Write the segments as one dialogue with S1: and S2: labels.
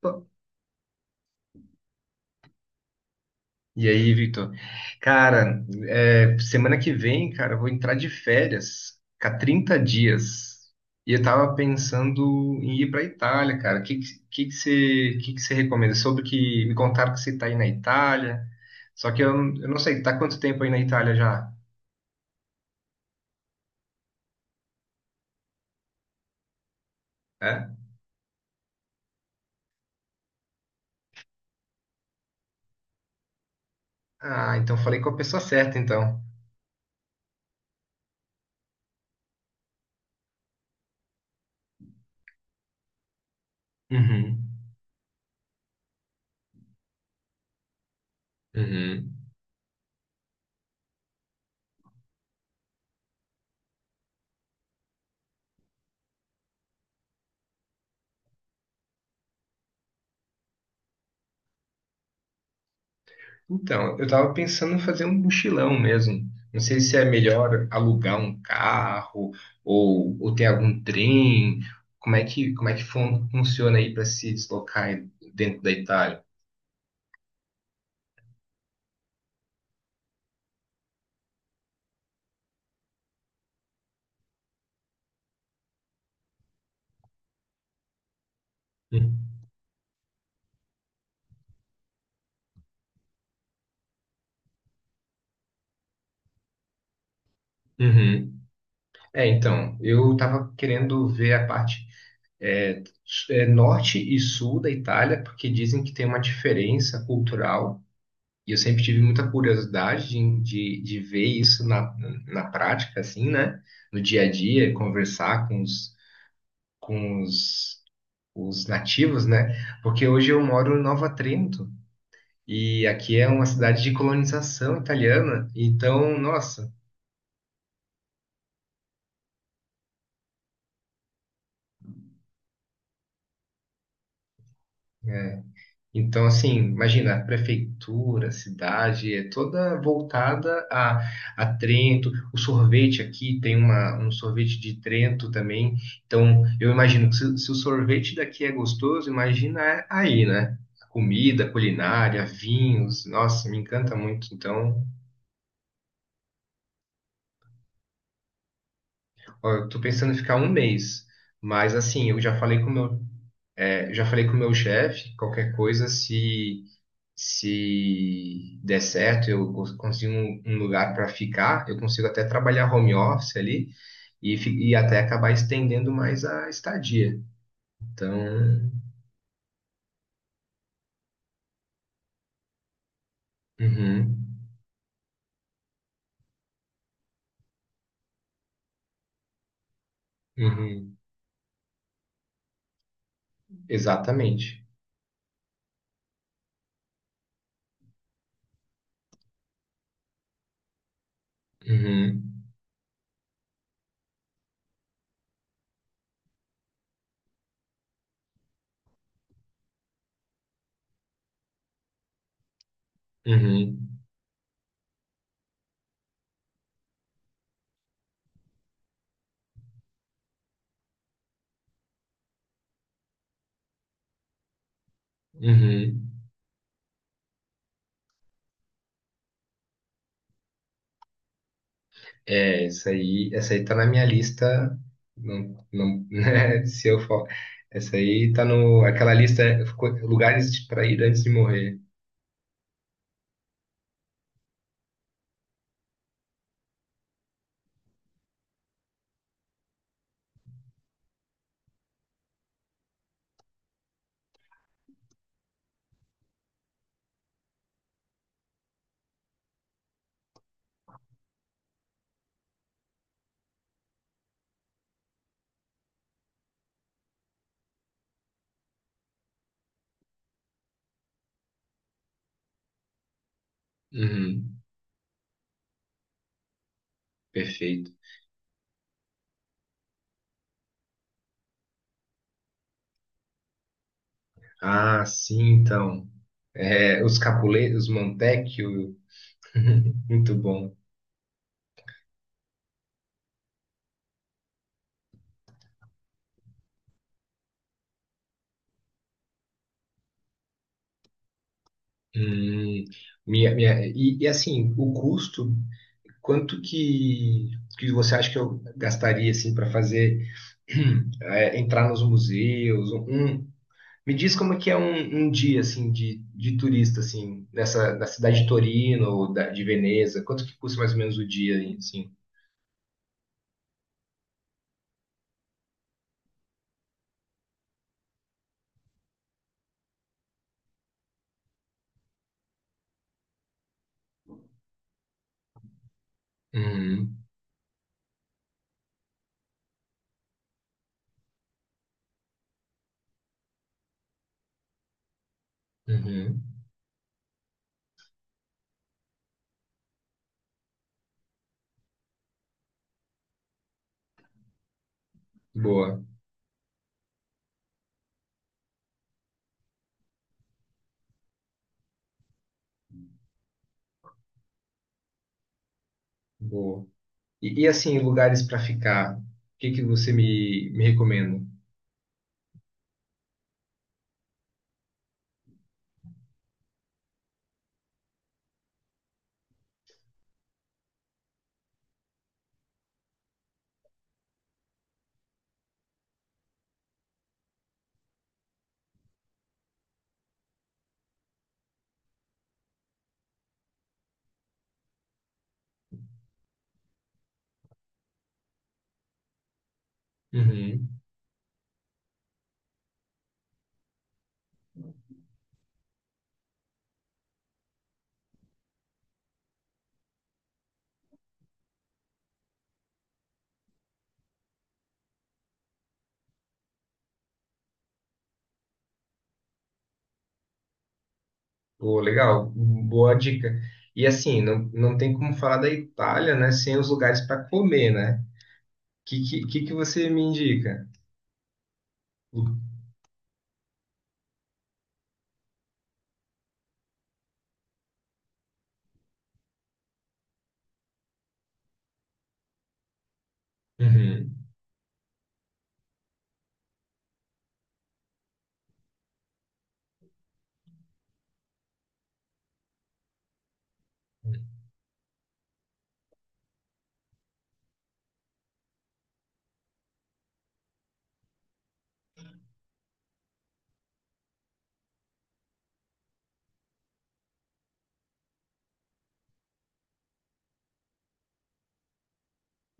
S1: Pô. E aí, Vitor? Cara, semana que vem, cara, eu vou entrar de férias, ficar 30 dias. E eu tava pensando em ir pra Itália, cara. O que que você recomenda? Sobre que me contaram que você tá aí na Itália. Só que eu não sei, tá quanto tempo aí na Itália já? É? Ah, então falei com a pessoa certa, então. Uhum. Uhum. Então, eu tava pensando em fazer um mochilão mesmo. Não sei se é melhor alugar um carro ou ter algum trem. Como é que funciona aí para se deslocar dentro da Itália? Hum. Uhum. É, então, eu tava querendo ver a parte norte e sul da Itália, porque dizem que tem uma diferença cultural. E eu sempre tive muita curiosidade de ver isso na prática, assim, né? No dia a dia, conversar com com os, os nativos, né? Porque hoje eu moro em Nova Trento, e aqui é uma cidade de colonização italiana. Então, nossa. Então, assim, imagina, a prefeitura, a cidade, é toda voltada a Trento. O sorvete aqui tem um sorvete de Trento também. Então, eu imagino que se o sorvete daqui é gostoso, imagina é aí, né? Comida, culinária, vinhos. Nossa, me encanta muito. Então, ó, eu tô pensando em ficar um mês. Mas, assim, eu já falei com o meu chefe, qualquer coisa, se der certo, eu consigo um lugar para ficar, eu consigo até trabalhar home office ali e até acabar estendendo mais a estadia. Então, uhum, uhum, exatamente. Uhum, uhum, uhum. É, essa aí tá na minha lista. Não, não, né, se eu for, essa aí tá no, aquela lista, lugares para ir antes de morrer. Uhum, perfeito. Ah, sim, então. É, os Capulet, os Montecchio, muito bom. Hum, assim, o custo, quanto que você acha que eu gastaria assim para fazer entrar nos museus? Me diz como é que é um dia assim de turista assim nessa da cidade de Torino ou da, de Veneza? Quanto que custa mais ou menos o dia assim? Uhum, uhum. Boa, boa. E, assim, lugares para ficar, o que que você me recomenda? Uhum. Pô, legal, boa dica. E assim, não tem como falar da Itália, né, sem os lugares para comer, né? O que você me indica? Uhum.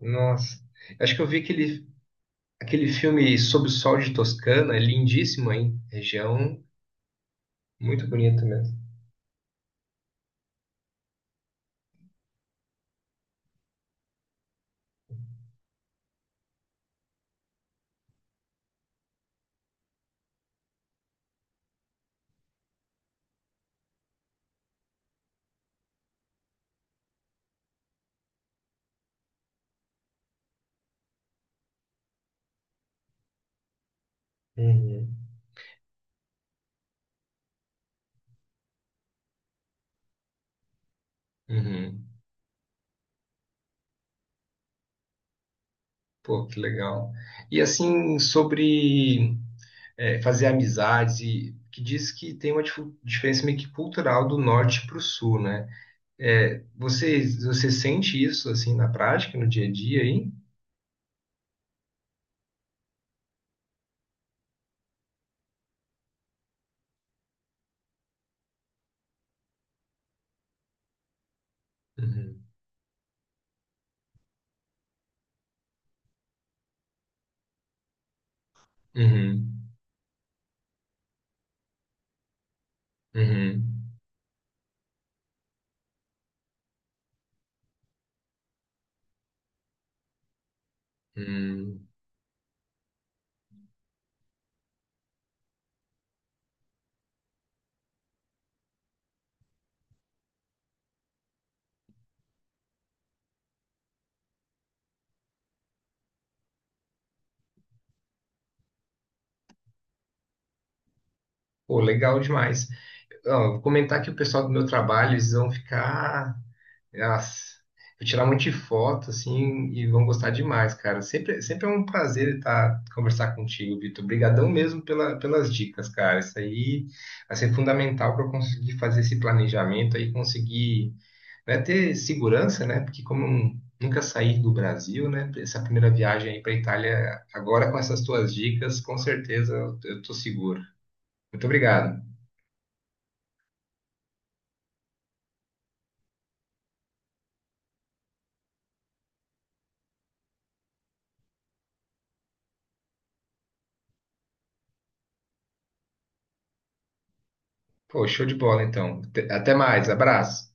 S1: Nossa, acho que eu vi aquele filme Sob o Sol de Toscana, é lindíssimo, hein? Região muito bonita mesmo. Uhum. Uhum. Pô, que legal. E assim, sobre fazer amizades e que diz que tem uma diferença meio que cultural do norte para o sul, né? É, você sente isso assim na prática, no dia a dia aí? Uhum. Uhum. Uhum. Uhum. Pô, legal demais. Ó, vou comentar que o pessoal do meu trabalho, eles vão ficar. Nossa, vou tirar um monte de foto, assim, e vão gostar demais, cara. Sempre, sempre é um prazer estar conversar contigo, Vitor. Obrigadão mesmo pelas dicas, cara. Isso aí vai ser fundamental para eu conseguir fazer esse planejamento aí, conseguir, né, ter segurança, né? Porque como eu nunca saí do Brasil, né? Essa primeira viagem aí para Itália, agora com essas tuas dicas, com certeza eu tô seguro. Muito obrigado. Pô, show de bola, então. Até mais, abraço.